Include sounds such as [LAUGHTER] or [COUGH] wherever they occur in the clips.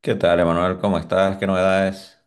¿Qué tal, Emanuel? ¿Cómo estás? ¿Qué novedades?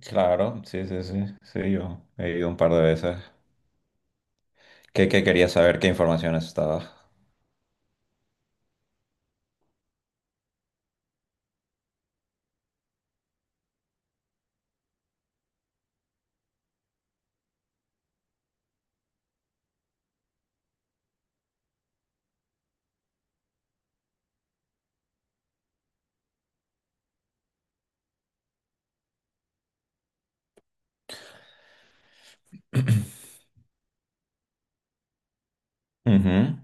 Claro, sí, sí, sí, sí, yo he ido un par de veces. ¿Qué querías saber? ¿Qué información estaba? [CLEARS THROAT] Ujú.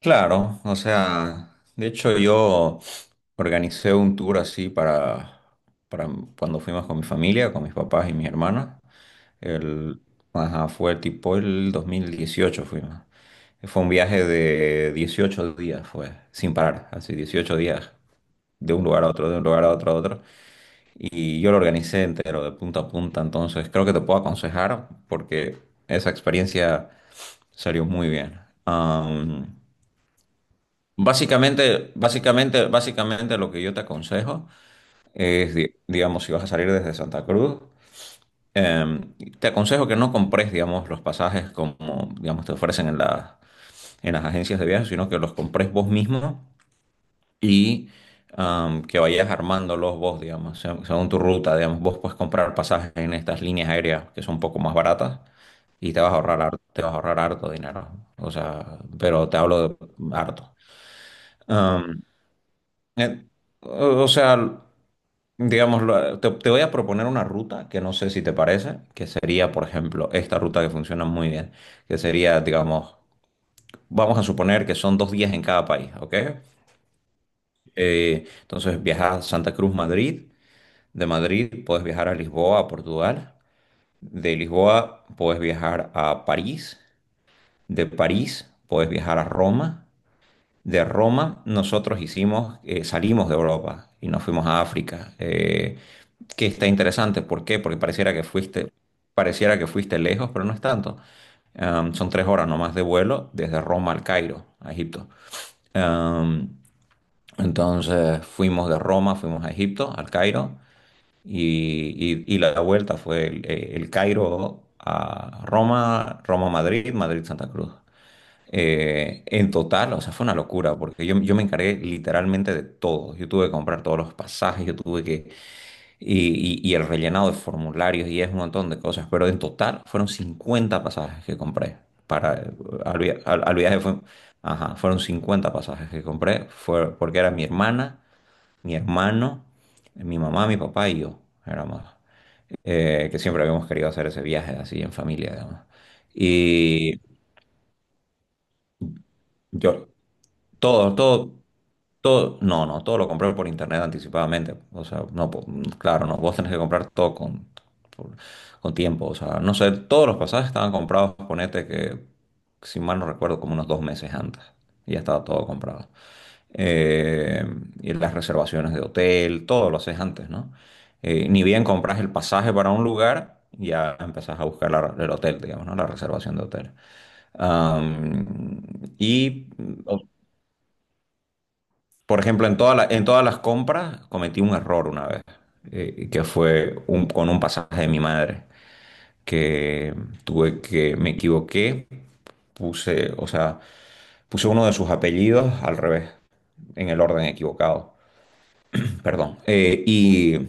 Claro, o sea, de hecho yo organicé un tour así para cuando fuimos con mi familia, con mis papás y mis hermanas. El, ajá, fue tipo el 2018 fuimos. Fue un viaje de 18 días, fue, sin parar, así 18 días, de un lugar a otro, de un lugar a otro, a otro. Y yo lo organicé entero, de punta a punta, entonces creo que te puedo aconsejar porque esa experiencia salió muy bien. Básicamente lo que yo te aconsejo es, digamos, si vas a salir desde Santa Cruz, em, te aconsejo que no compres, digamos, los pasajes como, digamos, te ofrecen en en las agencias de viajes, sino que los compres vos mismo y que vayas armándolos vos, digamos, según tu ruta, digamos, vos puedes comprar pasajes en estas líneas aéreas que son un poco más baratas y te vas a ahorrar, te vas a ahorrar harto dinero, o sea, pero te hablo de harto. Am, eh, o sea, digamos, te voy a proponer una ruta que no sé si te parece, que sería, por ejemplo, esta ruta que funciona muy bien, que sería, digamos, vamos a suponer que son 2 días en cada país, ¿ok? Entonces viajas a Santa Cruz, Madrid. De Madrid puedes viajar a Lisboa, a Portugal. De Lisboa puedes viajar a París. De París puedes viajar a Roma. De Roma nosotros hicimos, salimos de Europa y nos fuimos a África, que está interesante. ¿Por qué? Porque pareciera que fuiste lejos, pero no es tanto. Son 3 horas nomás de vuelo desde Roma al Cairo, a Egipto. Am, entonces fuimos de Roma, fuimos a Egipto, al Cairo. Y la vuelta fue el Cairo a Roma, Roma-Madrid, Madrid-Santa Cruz. En total, o sea, fue una locura porque yo me encargué literalmente de todo. Yo tuve que comprar todos los pasajes, yo tuve que... Y el rellenado de formularios y es un montón de cosas, pero en total fueron 50 pasajes que compré para... Al viaje fue... Ajá, fueron 50 pasajes que compré, fue porque era mi hermana, mi hermano, mi mamá, mi papá y yo, éramos, que siempre habíamos querido hacer ese viaje así en familia, digamos. Y yo, todo, todo. Todo, no, no, todo lo compré por internet anticipadamente. O sea, no, claro, no, vos tenés que comprar todo con, por- con tiempo. O sea, no sé, todos los pasajes estaban comprados, ponete que, si mal no recuerdo, como unos 2 meses antes. Y ya estaba todo comprado. Eh, y las reservaciones de hotel, todo lo haces antes, ¿no? Ni bien compras el pasaje para un lugar, ya empezás a buscar el hotel, digamos, ¿no? La reservación de hotel. Am, y por ejemplo, en en todas las compras cometí un error una vez, que fue con un pasaje de mi madre, que tuve que, me equivoqué, puse, o sea, puse uno de sus apellidos al revés, en el orden equivocado, [CLEARS THROAT] perdón. Y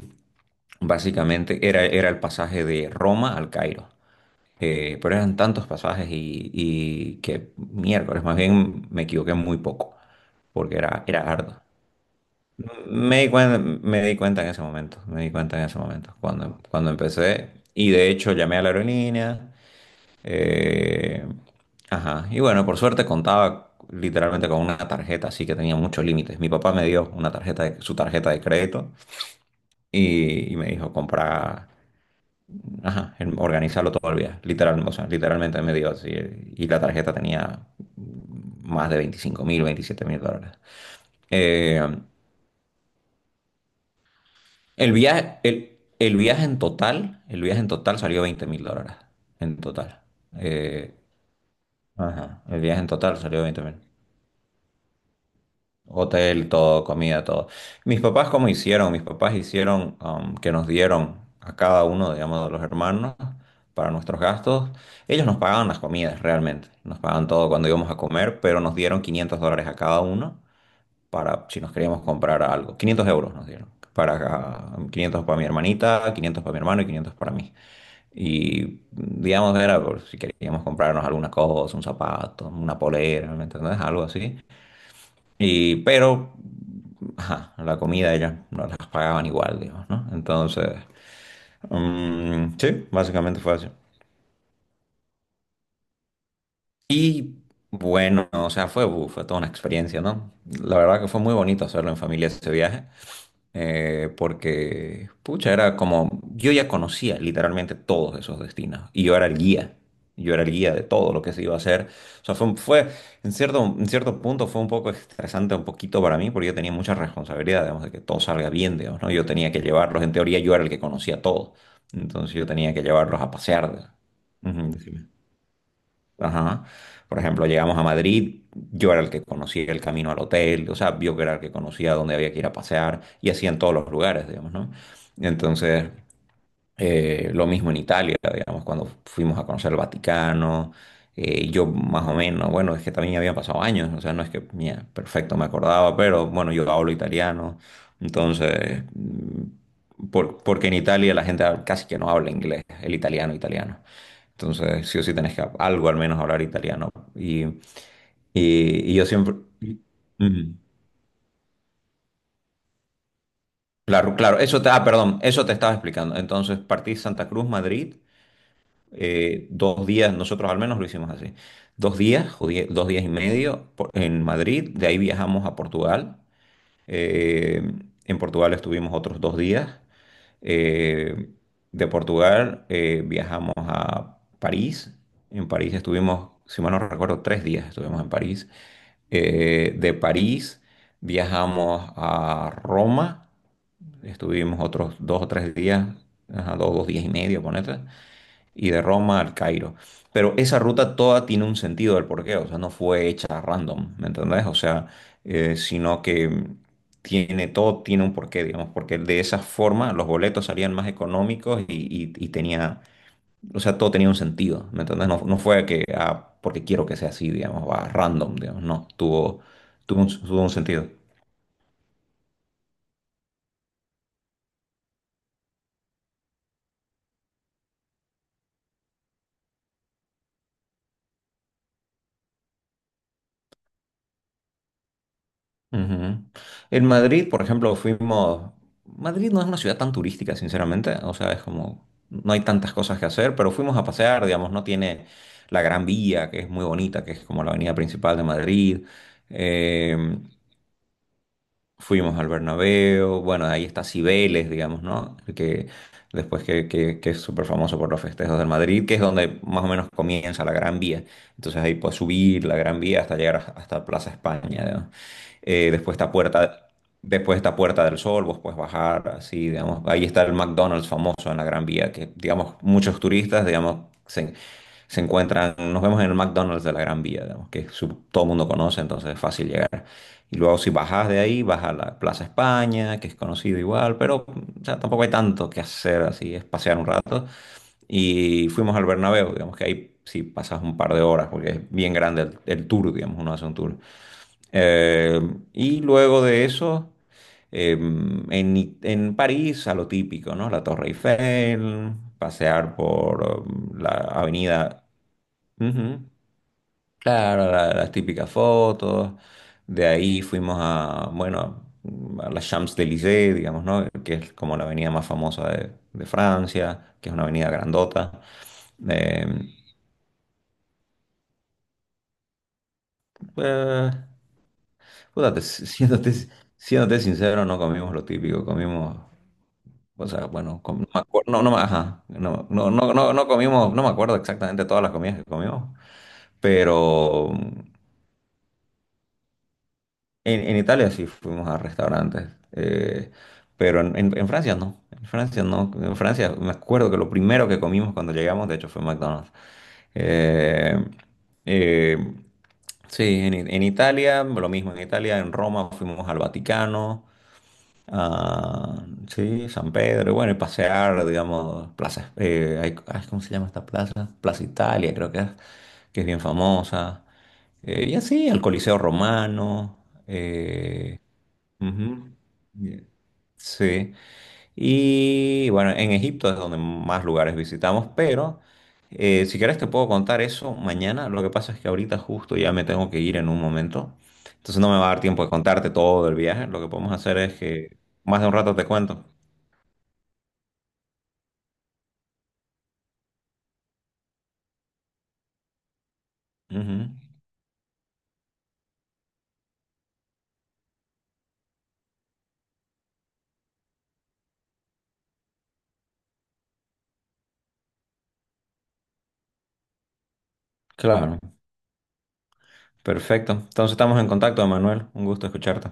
básicamente era, era el pasaje de Roma al Cairo. Pero eran tantos pasajes y que miércoles, más bien me equivoqué muy poco, porque era, era arduo. Me di cuenta en ese momento, cuando empecé. Y de hecho llamé a la aerolínea. eh, ajá. Y bueno, por suerte contaba literalmente con una tarjeta, así que tenía muchos límites. Mi papá me dio una tarjeta su tarjeta de crédito y me dijo comprar, ajá, organizarlo todo el viaje. Literal, o sea, literalmente me dio así. Y la tarjeta tenía más de 25.000, 27.000 dólares. Eh, El viaje, el viaje en total salió 20.000 dólares. En total. Eh, ajá, el viaje en total salió 20 mil. Hotel, todo, comida, todo. Mis papás, ¿cómo hicieron? Mis papás hicieron, que nos dieron a cada uno, digamos, de los hermanos para nuestros gastos. Ellos nos pagaban las comidas realmente. Nos pagaban todo cuando íbamos a comer, pero nos dieron 500 dólares a cada uno para si nos queríamos comprar algo. 500 euros nos dieron. Para, 500 para mi hermanita, 500 para mi hermano y 500 para mí. Y digamos, era por si queríamos comprarnos alguna cosa, un zapato, una polera, ¿me entendés? Algo así. Y, pero, ajá, la comida ellas nos las pagaban igual, digamos, ¿no? Entonces, mm, sí, básicamente fue así. Y bueno, o sea, fue toda una experiencia, ¿no? La verdad que fue muy bonito hacerlo en familia ese viaje, porque, pucha, era como, yo ya conocía literalmente todos esos destinos y yo era el guía, yo era el guía de todo lo que se iba a hacer. O sea, fue en cierto punto fue un poco estresante, un poquito para mí, porque yo tenía mucha responsabilidad, digamos, de que todo salga bien, digamos, ¿no? Yo tenía que llevarlos, en teoría yo era el que conocía todo, entonces yo tenía que llevarlos a pasear. Ujú, decime. Ajá. Por ejemplo, llegamos a Madrid, yo era el que conocía el camino al hotel, o sea, yo era el que conocía dónde había que ir a pasear y así en todos los lugares, digamos, ¿no? Entonces, lo mismo en Italia, digamos, cuando fuimos a conocer el Vaticano, yo más o menos, bueno, es que también habían pasado años, o sea, no es que, mira, perfecto, me acordaba, pero bueno, yo hablo italiano, entonces, mm, porque en Italia la gente casi que no habla inglés, el italiano, italiano. Entonces, sí o sí tenés que algo al menos hablar italiano. Y, y yo siempre... Mm. Claro, claro, ah, perdón, eso te estaba explicando. Entonces, partí Santa Cruz, Madrid, 2 días, nosotros al menos lo hicimos así, 2 días, o 2 días y medio en Madrid, de ahí viajamos a Portugal, eh, en Portugal estuvimos otros 2 días, eh, de Portugal viajamos a París, en París estuvimos, si mal no recuerdo, 3 días estuvimos en París, de París viajamos a Roma, estuvimos otros 2 o 3 días, ajá, dos, 2 días y medio, ponete, y de Roma al Cairo. Pero esa ruta toda tiene un sentido del porqué, o sea, no fue hecha random, ¿me entendés? O sea, sino que tiene todo, tiene un porqué, digamos, porque de esa forma los boletos salían más económicos y, y tenía, o sea, todo tenía un sentido, ¿me entendés? No, no fue que, ah, porque quiero que sea así, digamos, va random, digamos, no, tuvo, tuvo un sentido. Ujú. En Madrid, por ejemplo, fuimos... Madrid no es una ciudad tan turística, sinceramente. O sea, es como... No hay tantas cosas que hacer, pero fuimos a pasear, digamos. No, tiene la Gran Vía, que es muy bonita, que es como la avenida principal de Madrid. Eh, Fuimos al Bernabéu, bueno, ahí está Cibeles, digamos, ¿no? Que después que, que es súper famoso por los festejos del Madrid, que es donde más o menos comienza la Gran Vía. Entonces ahí puedes subir la Gran Vía hasta llegar a- hasta Plaza España, ¿no? Eh, después está Puerta, después está Puerta del Sol, vos puedes bajar, así, digamos. Ahí está el McDonald's famoso en la Gran Vía, que, digamos, muchos turistas, digamos, se, se encuentran, nos vemos en el McDonald's de la Gran Vía, digamos, todo el mundo conoce, entonces es fácil llegar. Y luego si bajas de ahí, vas a la Plaza España, que es conocido igual, pero o sea, tampoco hay tanto que hacer así, es pasear un rato. Y fuimos al Bernabéu, digamos que ahí sí pasas un par de horas, porque es bien grande el tour, digamos, uno hace un tour. Eh, y luego de eso, eh, en París, a lo típico, ¿no? La Torre Eiffel, pasear por, la avenida... Ujú. Claro, la- las típicas fotos. De ahí fuimos a, bueno, a la Champs-Élysées, digamos, ¿no? Que es como la avenida más famosa de Francia, que es una avenida grandota. Eh, eh, puta, te- si, siéndote, siéndote sincero, no comimos lo típico, comimos, o sea, bueno, com- no, me acuer- no, no me- ajá, no, no, no, no comimos, no me acuerdo exactamente todas las comidas que comimos, pero en Italia sí fuimos a restaurantes, pero en Francia no. En Francia no. En Francia me acuerdo que lo primero que comimos cuando llegamos, de hecho, fue McDonald's. Eh, eh, sí, en Italia, lo mismo. En Italia, en Roma fuimos al Vaticano. Ah, sí, San Pedro, y bueno, y pasear, digamos, plazas, ay, ¿cómo se llama esta plaza? Plaza Italia, creo que es bien famosa. Y así, al Coliseo Romano. eh, Ujú, y- sí. Y bueno, en Egipto es donde más lugares visitamos, pero, si quieres te puedo contar eso mañana. Lo que pasa es que ahorita justo ya me tengo que ir en un momento. Entonces no me va a dar tiempo de contarte todo del viaje. Lo que podemos hacer es que más de un rato te cuento. Ujú. Claro, perfecto. Entonces estamos en contacto, Manuel. Un gusto escucharte.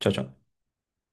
Chao, chao.